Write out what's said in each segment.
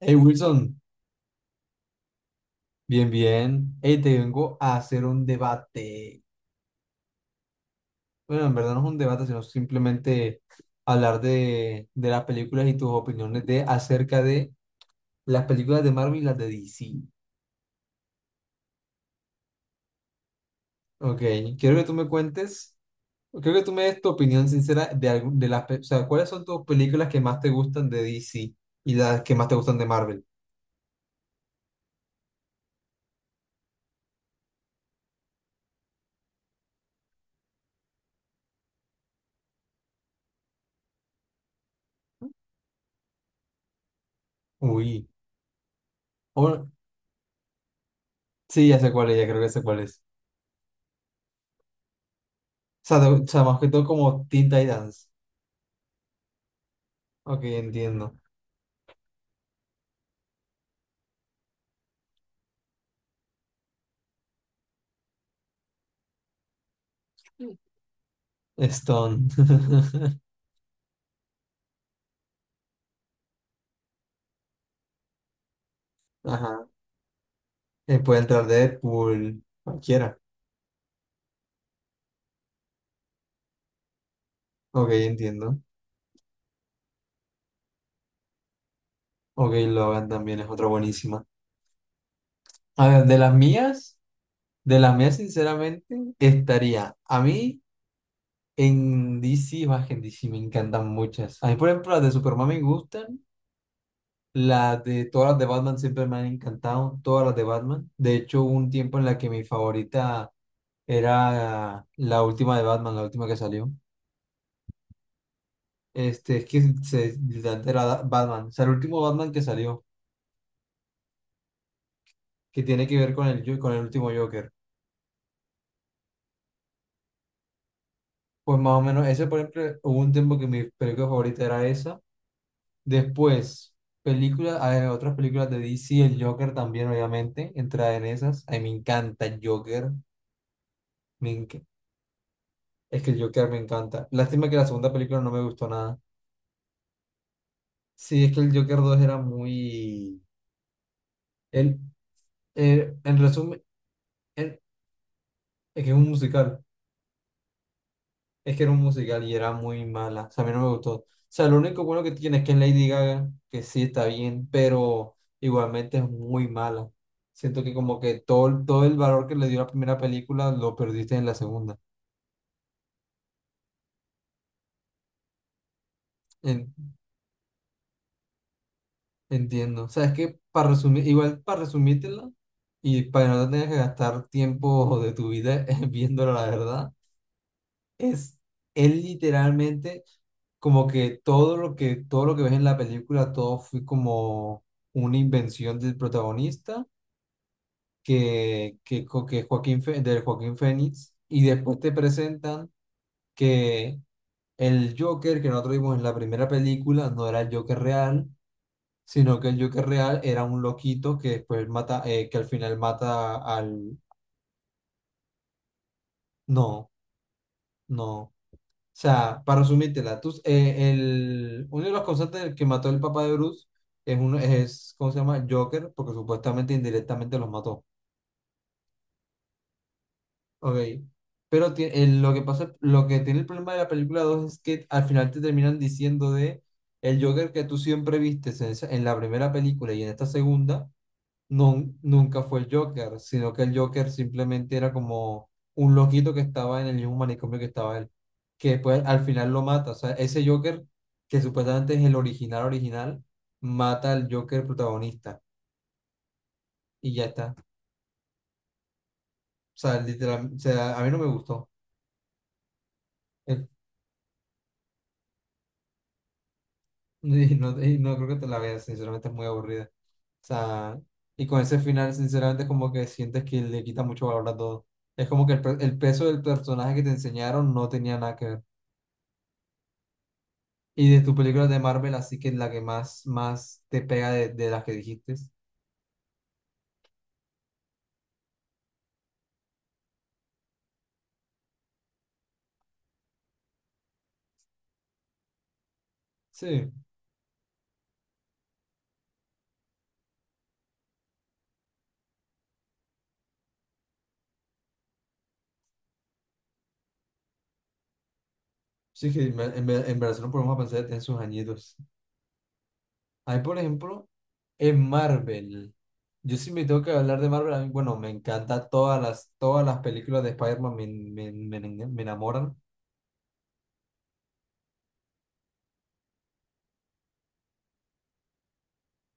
Hey Wilson, bien, bien. Hey, te vengo a hacer un debate. Bueno, en verdad no es un debate, sino simplemente hablar de las películas y tus opiniones de, acerca de las películas de Marvel y las de DC. Ok, quiero que tú me cuentes, creo que tú me des tu opinión sincera de, o sea, ¿cuáles son tus películas que más te gustan de DC y las que más te gustan de Marvel? Uy, oh, sí, ya sé cuál es, ya creo que sé cuál es. O sea, o sea, más que todo como Teen Titans. Ok, entiendo. Stone. Ajá. Puede entrar Deadpool, cualquiera. Ok, entiendo. Ok, Logan también es otra buenísima. A ver, de las mías, sinceramente, estaría. A mí en DC, más que en DC, me encantan muchas. A mí, por ejemplo, las de Superman me gustan. Las de todas las de Batman siempre me han encantado. Todas las de Batman. De hecho, hubo un tiempo en la que mi favorita era la última de Batman, la última que salió. Este, es que se, literalmente era Batman. O sea, el último Batman que salió, que tiene que ver con el, con el último Joker. Pues más o menos, ese por ejemplo, hubo un tiempo que mi película favorita era esa. Después, películas, hay otras películas de DC, el Joker también, obviamente, entra en esas. A mí me encanta el Joker, me enc- es que el Joker me encanta. Lástima que la segunda película no me gustó nada. Sí, es que el Joker 2 era muy... El, en resumen, el- es que es un musical. Es que era un musical y era muy mala. O sea, a mí no me gustó. O sea, lo único bueno que tiene es que es Lady Gaga, que sí está bien, pero igualmente es muy mala. Siento que como que todo, todo el valor que le dio la primera película lo perdiste en la segunda. En- entiendo. O sea, es que para resumir, igual para resumírtela y para que no te tengas que gastar tiempo de tu vida viéndola, la verdad, es, él literalmente, como que todo lo que, todo lo que ves en la película, todo fue como una invención del protagonista, que Joaquín, del Joaquín Fénix, y después te presentan que el Joker que nosotros vimos en la primera película no era el Joker real, sino que el Joker real era un loquito que después mata, que al final mata al... No, no. O sea, para resumírtela, tú, el, uno de los causantes del que mató el papá de Bruce es, uno, es, ¿cómo se llama? Joker, porque supuestamente indirectamente los mató. Ok. Pero lo que pasa, lo que tiene el problema de la película 2 es que al final te terminan diciendo de el Joker que tú siempre viste en, en la primera película y en esta segunda nunca fue el Joker, sino que el Joker simplemente era como un loquito que estaba en el mismo manicomio que estaba él, que pues al final lo mata. O sea, ese Joker, que supuestamente es el original original, mata al Joker protagonista y ya está. O sea, literal, o sea, a mí no me gustó. Eh, y no creo que te la veas, sinceramente es muy aburrida. O sea, y con ese final, sinceramente, como que sientes que le quita mucho valor a todo. Es como que el, el peso del personaje que te enseñaron no tenía nada que ver. Y de tus películas de Marvel, así que la que más, más te pega de las que dijiste. Sí, sí que en verdad no podemos pensar en sus añitos. Ahí, por ejemplo, en Marvel. Yo sí me tengo que hablar de Marvel. A mí, bueno, me encantan todas las películas de Spider-Man, me enamoran.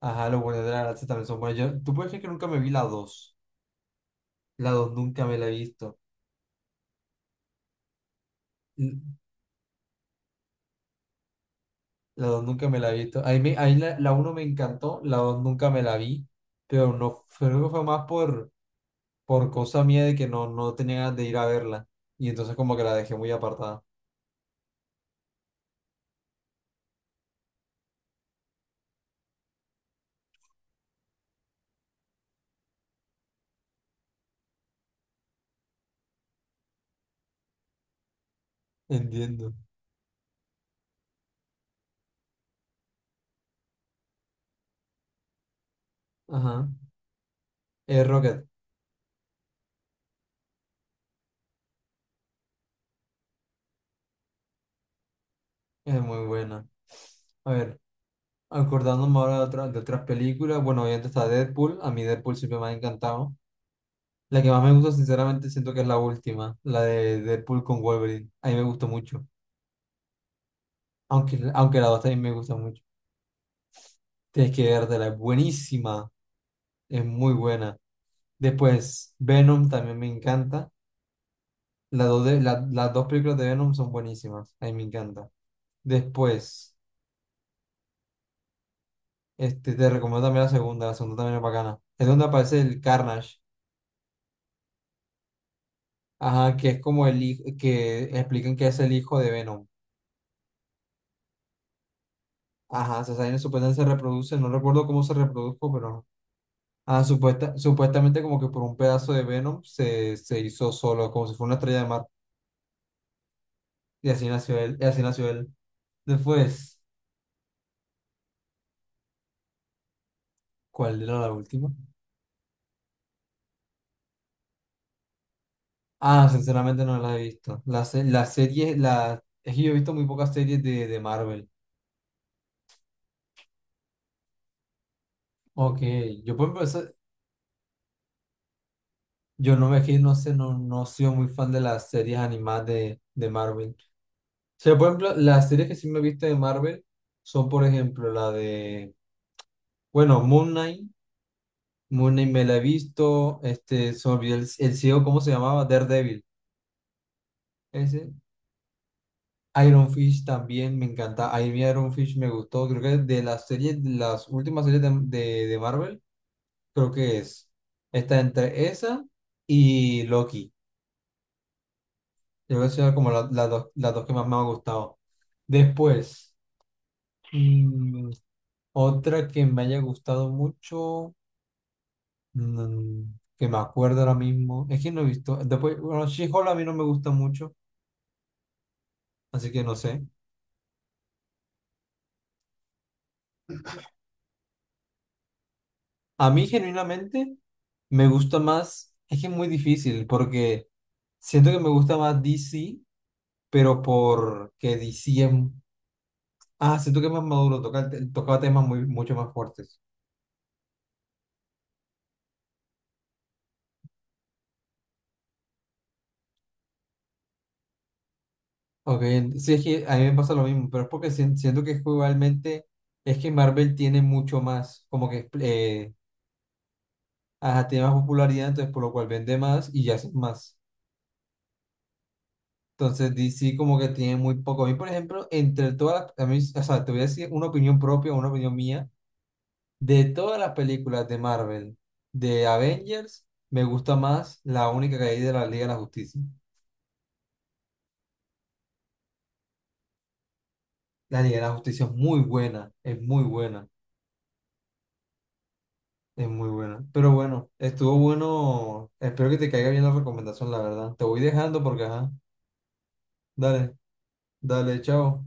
Ajá, los Guardianes de la Galaxia también son buenos. Tú puedes creer que nunca me vi la dos. La 2 nunca me la he visto. N- La 2 nunca me la he visto. Ahí, me, ahí la, la uno me encantó, la 2 nunca me la vi. Pero no, creo que fue más por cosa mía de que no, no tenía ganas de ir a verla. Y entonces como que la dejé muy apartada. Entiendo. Ajá. Es Rocket. Es muy buena. A ver, acordándome ahora de, de otras películas. Bueno, obviamente está Deadpool. A mí Deadpool siempre me ha encantado. La que más me gusta, sinceramente, siento que es la última. La de Deadpool con Wolverine. A mí me gustó mucho. Aunque la dos también me gusta mucho. Tienes que vértela. Es buenísima. Es muy buena. Después, Venom también me encanta. Las dos, las dos películas de Venom son buenísimas. A mí me encanta. Después, este, te recomiendo también la segunda. La segunda también es bacana. Es donde aparece el Carnage. Ajá, que es como el hijo, que explican que es el hijo de Venom. Ajá, se salen, supuestamente se reproduce. No recuerdo cómo se reprodujo, pero. Ah, supuesta, supuestamente como que por un pedazo de Venom se, se hizo solo, como si fuera una estrella de mar. Y así nació él. Y así nació él. Después, ¿cuál era la última? Ah, sinceramente no la he visto. La, la serie, la, es que yo he visto muy pocas series de Marvel. Ok, yo por ejemplo, yo no me es que no sé, no, no he sido muy fan de las series animadas de Marvel. O sea, por ejemplo, las series que sí me he visto de Marvel son, por ejemplo, la de, bueno, Moon Knight. Moon Knight me la he visto, este, se me olvidó el ciego, ¿cómo se llamaba? Daredevil. Ese. Iron Fish también me encanta. A mí Iron Fish me gustó. Creo que de las series, de las últimas series de Marvel, creo que es. Está entre esa y Loki. Yo creo que son como las dos que más me han gustado. Después, mm, otra que me haya gustado mucho, mm, que me acuerdo ahora mismo, es que no he visto. Después, bueno, She-Hulk a mí no me gusta mucho, así que no sé. A mí genuinamente me gusta más, es que es muy difícil porque siento que me gusta más DC, pero porque DC es. Ah, siento que es más maduro, toca, tocaba temas muy, mucho más fuertes. Ok, sí, es que a mí me pasa lo mismo, pero es porque siento que es que igualmente, es que Marvel tiene mucho más, como que, ajá, tiene más popularidad, entonces por lo cual vende más y ya hace más. Entonces DC como que tiene muy poco. A mí, por ejemplo, entre todas las, a mí, o sea, te voy a decir una opinión propia, una opinión mía, de todas las películas de Marvel, de Avengers, me gusta más la única que hay de la Liga de la Justicia. La Liga de la Justicia es muy buena, es muy buena, es muy buena. Pero bueno, estuvo bueno. Espero que te caiga bien la recomendación, la verdad. Te voy dejando porque, ajá, dale, dale, chao.